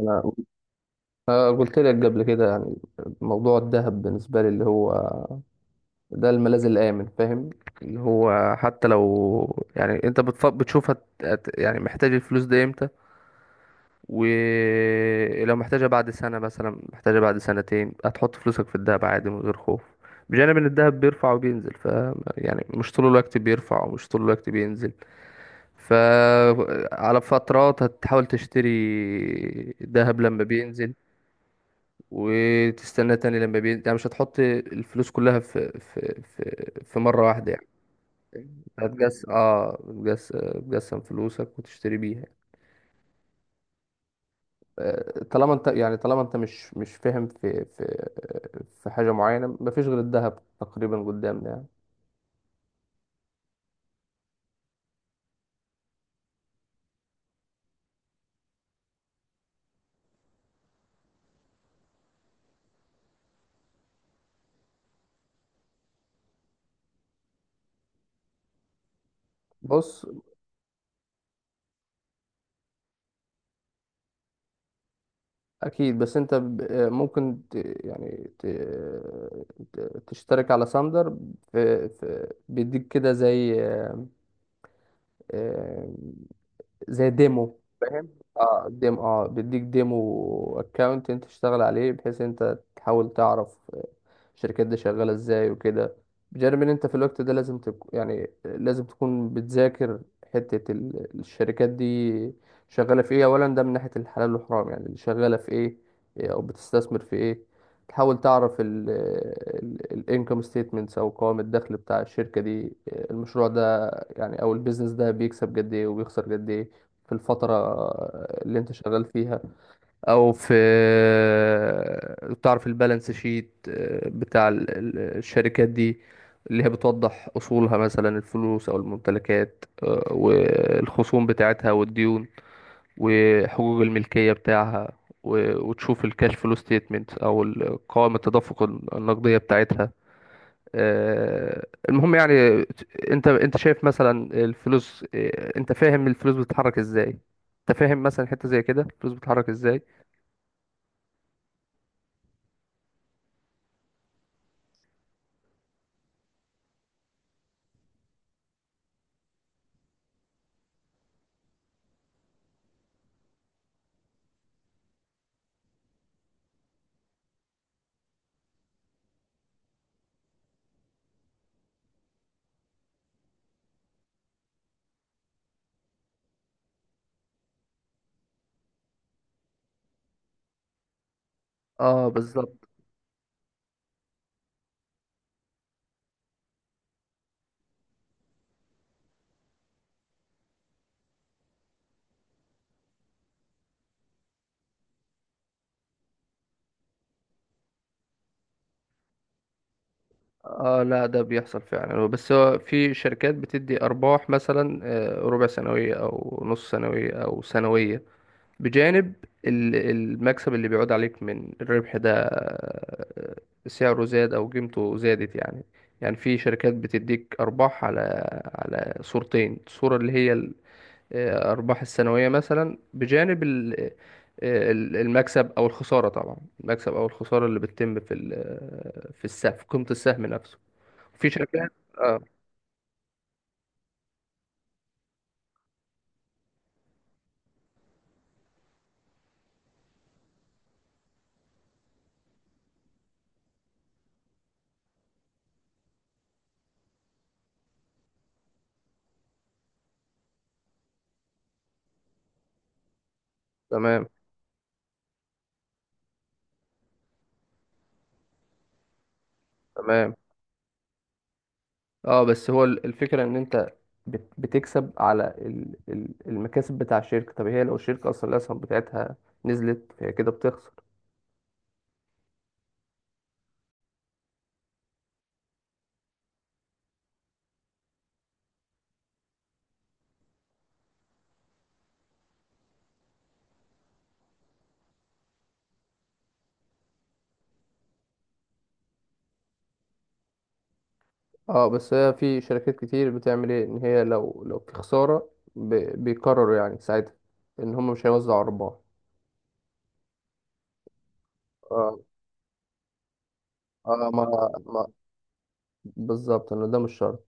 انا أنا قلت لك قبل كده، يعني موضوع الذهب بالنسبه لي، اللي هو ده الملاذ الامن، فاهم؟ اللي هو حتى لو يعني انت بتشوف، يعني محتاج الفلوس دي امتى؟ ولو محتاجها بعد سنه، مثلا محتاجها بعد سنتين، هتحط فلوسك في الذهب عادي من غير خوف. بجانب ان الذهب بيرفع وبينزل، ف يعني مش طول الوقت بيرفع ومش طول الوقت بينزل. ف على فترات هتحاول تشتري ذهب لما بينزل، وتستنى تاني لما يعني مش هتحط الفلوس كلها في مرة واحدة، يعني. بتجسم فلوسك وتشتري بيها. طالما انت يعني، طالما انت مش فاهم في حاجة معينة، مفيش غير الذهب تقريبا قدامنا، يعني. بص. اكيد، بس انت ممكن ت... يعني ت... ت- تشترك على ساندر. بيديك كده، آه، زي ديمو، فاهم؟ اه، ديم اه بيديك ديمو اكونت، انت تشتغل عليه بحيث انت تحاول تعرف الشركات دي شغالة ازاي وكده. بجانب ان انت في الوقت ده لازم تك... يعني لازم تكون بتذاكر حتة الشركات دي شغالة في ايه، اولا. ده من ناحية الحلال والحرام، يعني اللي شغالة في ايه، او بتستثمر في ايه. تحاول تعرف الانكم ستيتمنتس، او قوائم الدخل بتاع الشركة دي، المشروع ده، يعني او البيزنس ده بيكسب قد ايه وبيخسر قد ايه في الفترة اللي انت شغال فيها، او في تعرف البالانس شيت، بتاع الشركات دي، اللي هي بتوضح اصولها، مثلا الفلوس او الممتلكات، والخصوم بتاعتها والديون وحقوق الملكية بتاعها. وتشوف الكاش فلو ستيتمنت، او قوائم التدفق النقدية بتاعتها. المهم يعني، انت شايف مثلا الفلوس، انت فاهم الفلوس بتتحرك ازاي، انت فاهم مثلا حتة زي كده الفلوس بتتحرك ازاي؟ اه، بالظبط. اه، لا، ده بيحصل فعلا، بس هو في شركات بتدي ارباح، مثلا ربع سنوية او نص سنوية او سنوية. بجانب المكسب اللي بيعود عليك من الربح ده، سعره زاد او قيمته زادت، يعني. يعني في شركات بتديك ارباح على صورتين، الصورة اللي هي الارباح السنوية مثلا، بجانب المكسب او الخسارة. طبعا المكسب او الخسارة اللي بتتم في السهم، في قيمة السهم نفسه. في شركات. اه، تمام، تمام. اه، بس هو الفكرة ان انت بتكسب على المكاسب بتاع الشركة. طب هي لو الشركة اصلا الاسهم بتاعتها نزلت، فهي كده بتخسر. اه، بس هي في شركات كتير بتعمل ايه، ان هي لو في خسارة بيقرروا يعني ساعتها ان هم مش هيوزعوا ارباح. اه، اه، ما بالظبط، انه ده مش شرط.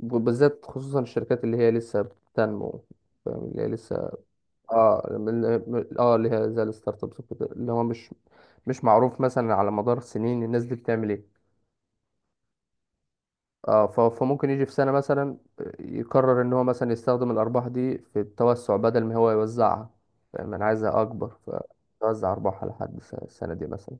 وبالذات خصوصا الشركات اللي هي لسه بتنمو، فاهم؟ اللي هي لسه اه، اللي هي زي الستارت ابس وكده، اللي هو مش معروف مثلا على مدار سنين الناس دي بتعمل ايه. اه، فممكن يجي في سنة مثلا يقرر ان هو مثلا يستخدم الارباح دي في التوسع، بدل ما هو يوزعها. فاهم؟ انا عايزها اكبر، فوزع ارباح على حد السنة دي مثلا.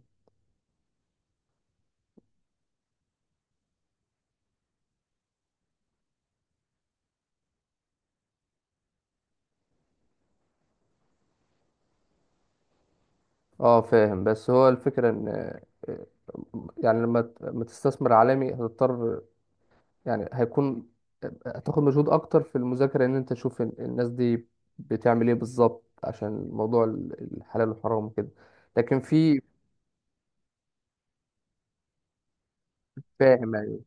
اه، فاهم. بس هو الفكرة ان، يعني لما تستثمر عالمي هتضطر، يعني هتاخد مجهود اكتر في المذاكره، ان انت تشوف الناس دي بتعمل ايه بالظبط، عشان موضوع الحلال والحرام وكده. لكن في فاهم؟ يعني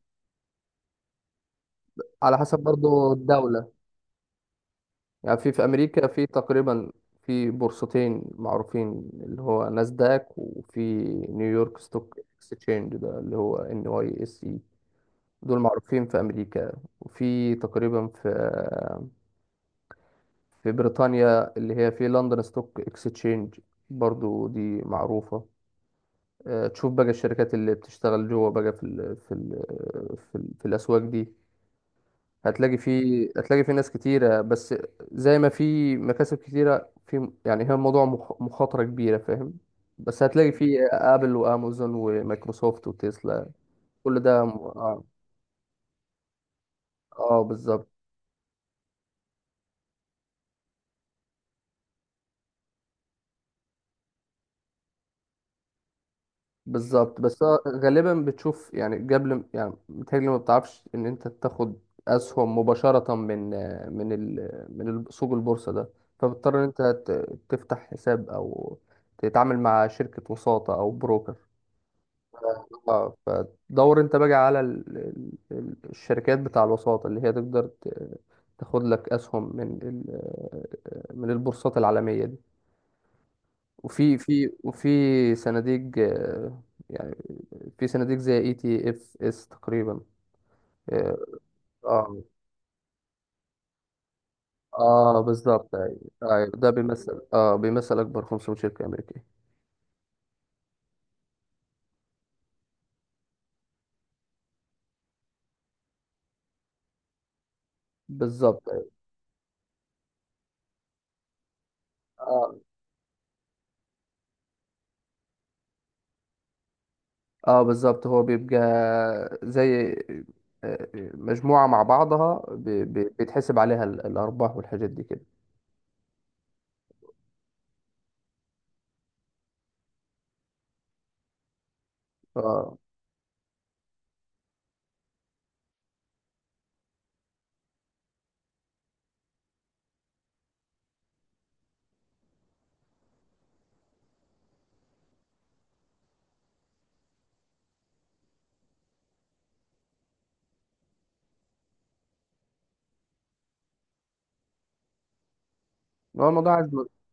على حسب برضو الدوله، يعني في امريكا في تقريبا في بورصتين معروفين، اللي هو ناسداك، وفي نيويورك ستوك اكسشينج، ده اللي هو NYSE. دول معروفين في امريكا. وفي تقريبا في بريطانيا، اللي هي في لندن ستوك اكستشينج، برضو دي معروفة. تشوف بقى الشركات اللي بتشتغل جوه بقى في الأسواق دي، هتلاقي في هتلاقي في ناس كتيرة. بس زي ما في مكاسب كتيرة، في يعني هي موضوع مخاطرة كبيرة، فاهم؟ بس هتلاقي في آبل، وأمازون، ومايكروسوفت، وتسلا. كل ده اه, بالظبط. بالظبط. بس هو غالبا بتشوف يعني قبل، يعني بتهيألي ما بتعرفش ان انت تاخد اسهم مباشرة من ال من سوق البورصة ده، فبتضطر ان انت تفتح حساب او تتعامل مع شركة وساطة او بروكر. اه، فدور انت بقى على الشركات بتاع الوساطة، اللي هي تقدر تاخد لك اسهم من البورصات العالمية دي. وفي صناديق، يعني في صناديق زي ETFs تقريبا. اه. اه، بالظبط، ايوه، أيوة. ده بيمثل اكبر 500 شركة امريكية. بالظبط، أيوة. اه، اه، بالظبط. هو بيبقى زي، آه، مجموعة مع بعضها، بيتحسب عليها الارباح والحاجات دي كده. اه، هو الموضوع عايز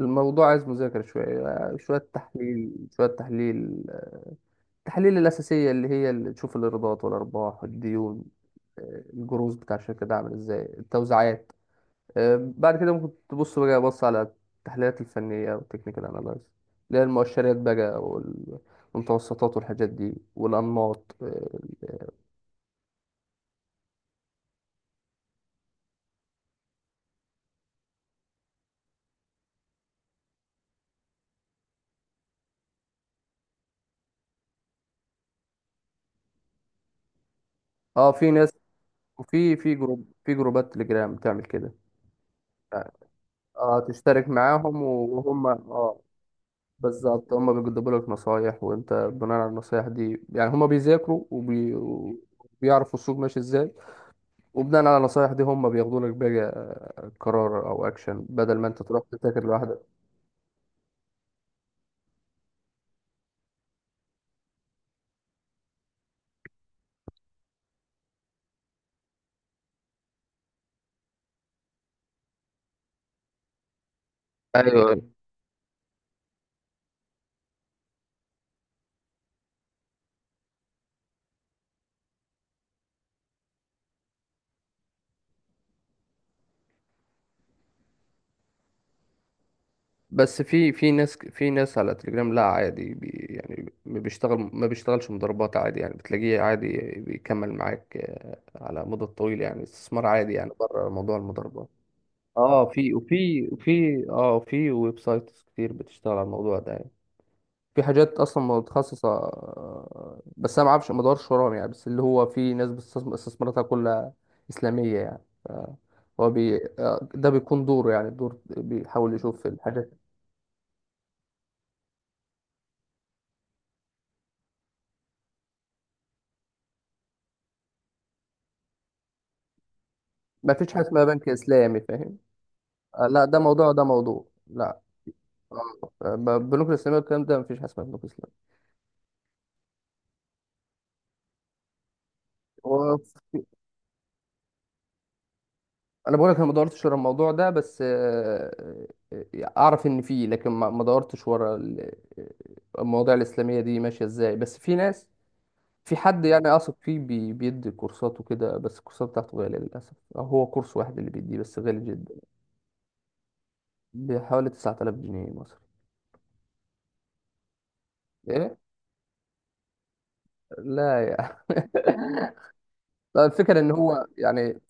الموضوع عايز مذاكرة، شوية تحليل، شوية تحليل. التحاليل الأساسية، اللي هي اللي تشوف الإيرادات والأرباح، الديون، الجروز بتاع الشركة ده عامل إزاي، التوزيعات. بعد كده ممكن تبص بقى بص على التحليلات الفنية والتكنيكال أناليز، اللي هي المؤشرات بقى والمتوسطات والحاجات دي والأنماط، اه. في ناس. وفي جروبات تليجرام بتعمل كده. اه، تشترك معاهم وهم اه. بالظبط، هما بيجدبوا لك نصايح، وانت بناء على النصايح دي، يعني هما بيذاكروا وبيعرفوا السوق ماشي ازاي. وبناء على النصايح دي، هما بياخدوا لك بقى قرار او اكشن، بدل ما انت تروح تذاكر لوحدك. ايوه. بس في ناس على تليجرام، لا عادي، يعني ما بيشتغلش مضاربات. عادي يعني بتلاقيه عادي، بيكمل معاك، على مدة طويلة، يعني استثمار عادي يعني، بره موضوع المضاربات. اه، في وفي وفي اه في ويب سايتس كتير بتشتغل على الموضوع ده. في حاجات اصلا متخصصه، بس انا ما اعرفش، ما ادورش وراهم يعني، بس اللي هو في ناس استثماراتها كلها اسلاميه يعني هو بي... آه، ده بيكون دوره، يعني الدور بيحاول يشوف الحاجات. ما فيش حاجه اسمها بنك اسلامي، فاهم؟ لا، ده موضوع، لا. بنوك الاسلاميه والكلام ده، ما فيش حاجه اسمها بنوك اسلاميه. هو في- انا بقول لك، انا ما دورتش ورا الموضوع ده، بس آه، اعرف ان فيه، لكن ما دورتش ورا المواضيع الاسلاميه دي ماشيه ازاي، بس في ناس، في حد يعني اثق فيه، بيدي كورسات وكده، بس الكورسات بتاعته غالية للأسف. هو كورس واحد اللي بيديه، بس غالي جدا، بحوالي 9000 جنيه مصري. ايه، لا يعني لا، الفكرة ان هو، يعني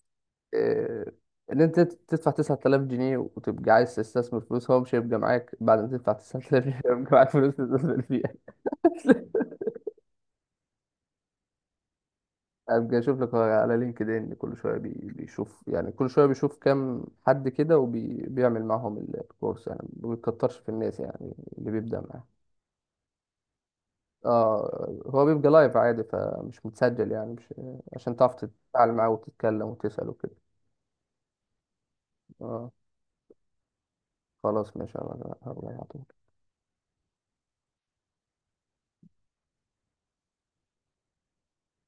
إيه، ان انت تدفع 9000 جنيه وتبقى عايز تستثمر فلوس. هو مش هيبقى معاك، بعد ما تدفع 9000 جنيه هيبقى معاك فلوس تستثمر فيها؟ ابقى اشوف لك على لينكد ان. كل شويه بيشوف كام حد كده، وبيعمل معاهم الكورس. يعني ما بيكترش في الناس، يعني اللي بيبدا معاه. اه، هو بيبقى لايف عادي، فمش متسجل، يعني مش، عشان تعرف تتفاعل معاه وتتكلم وتسال وكده. اه، خلاص، ماشي، هبقى أبعته.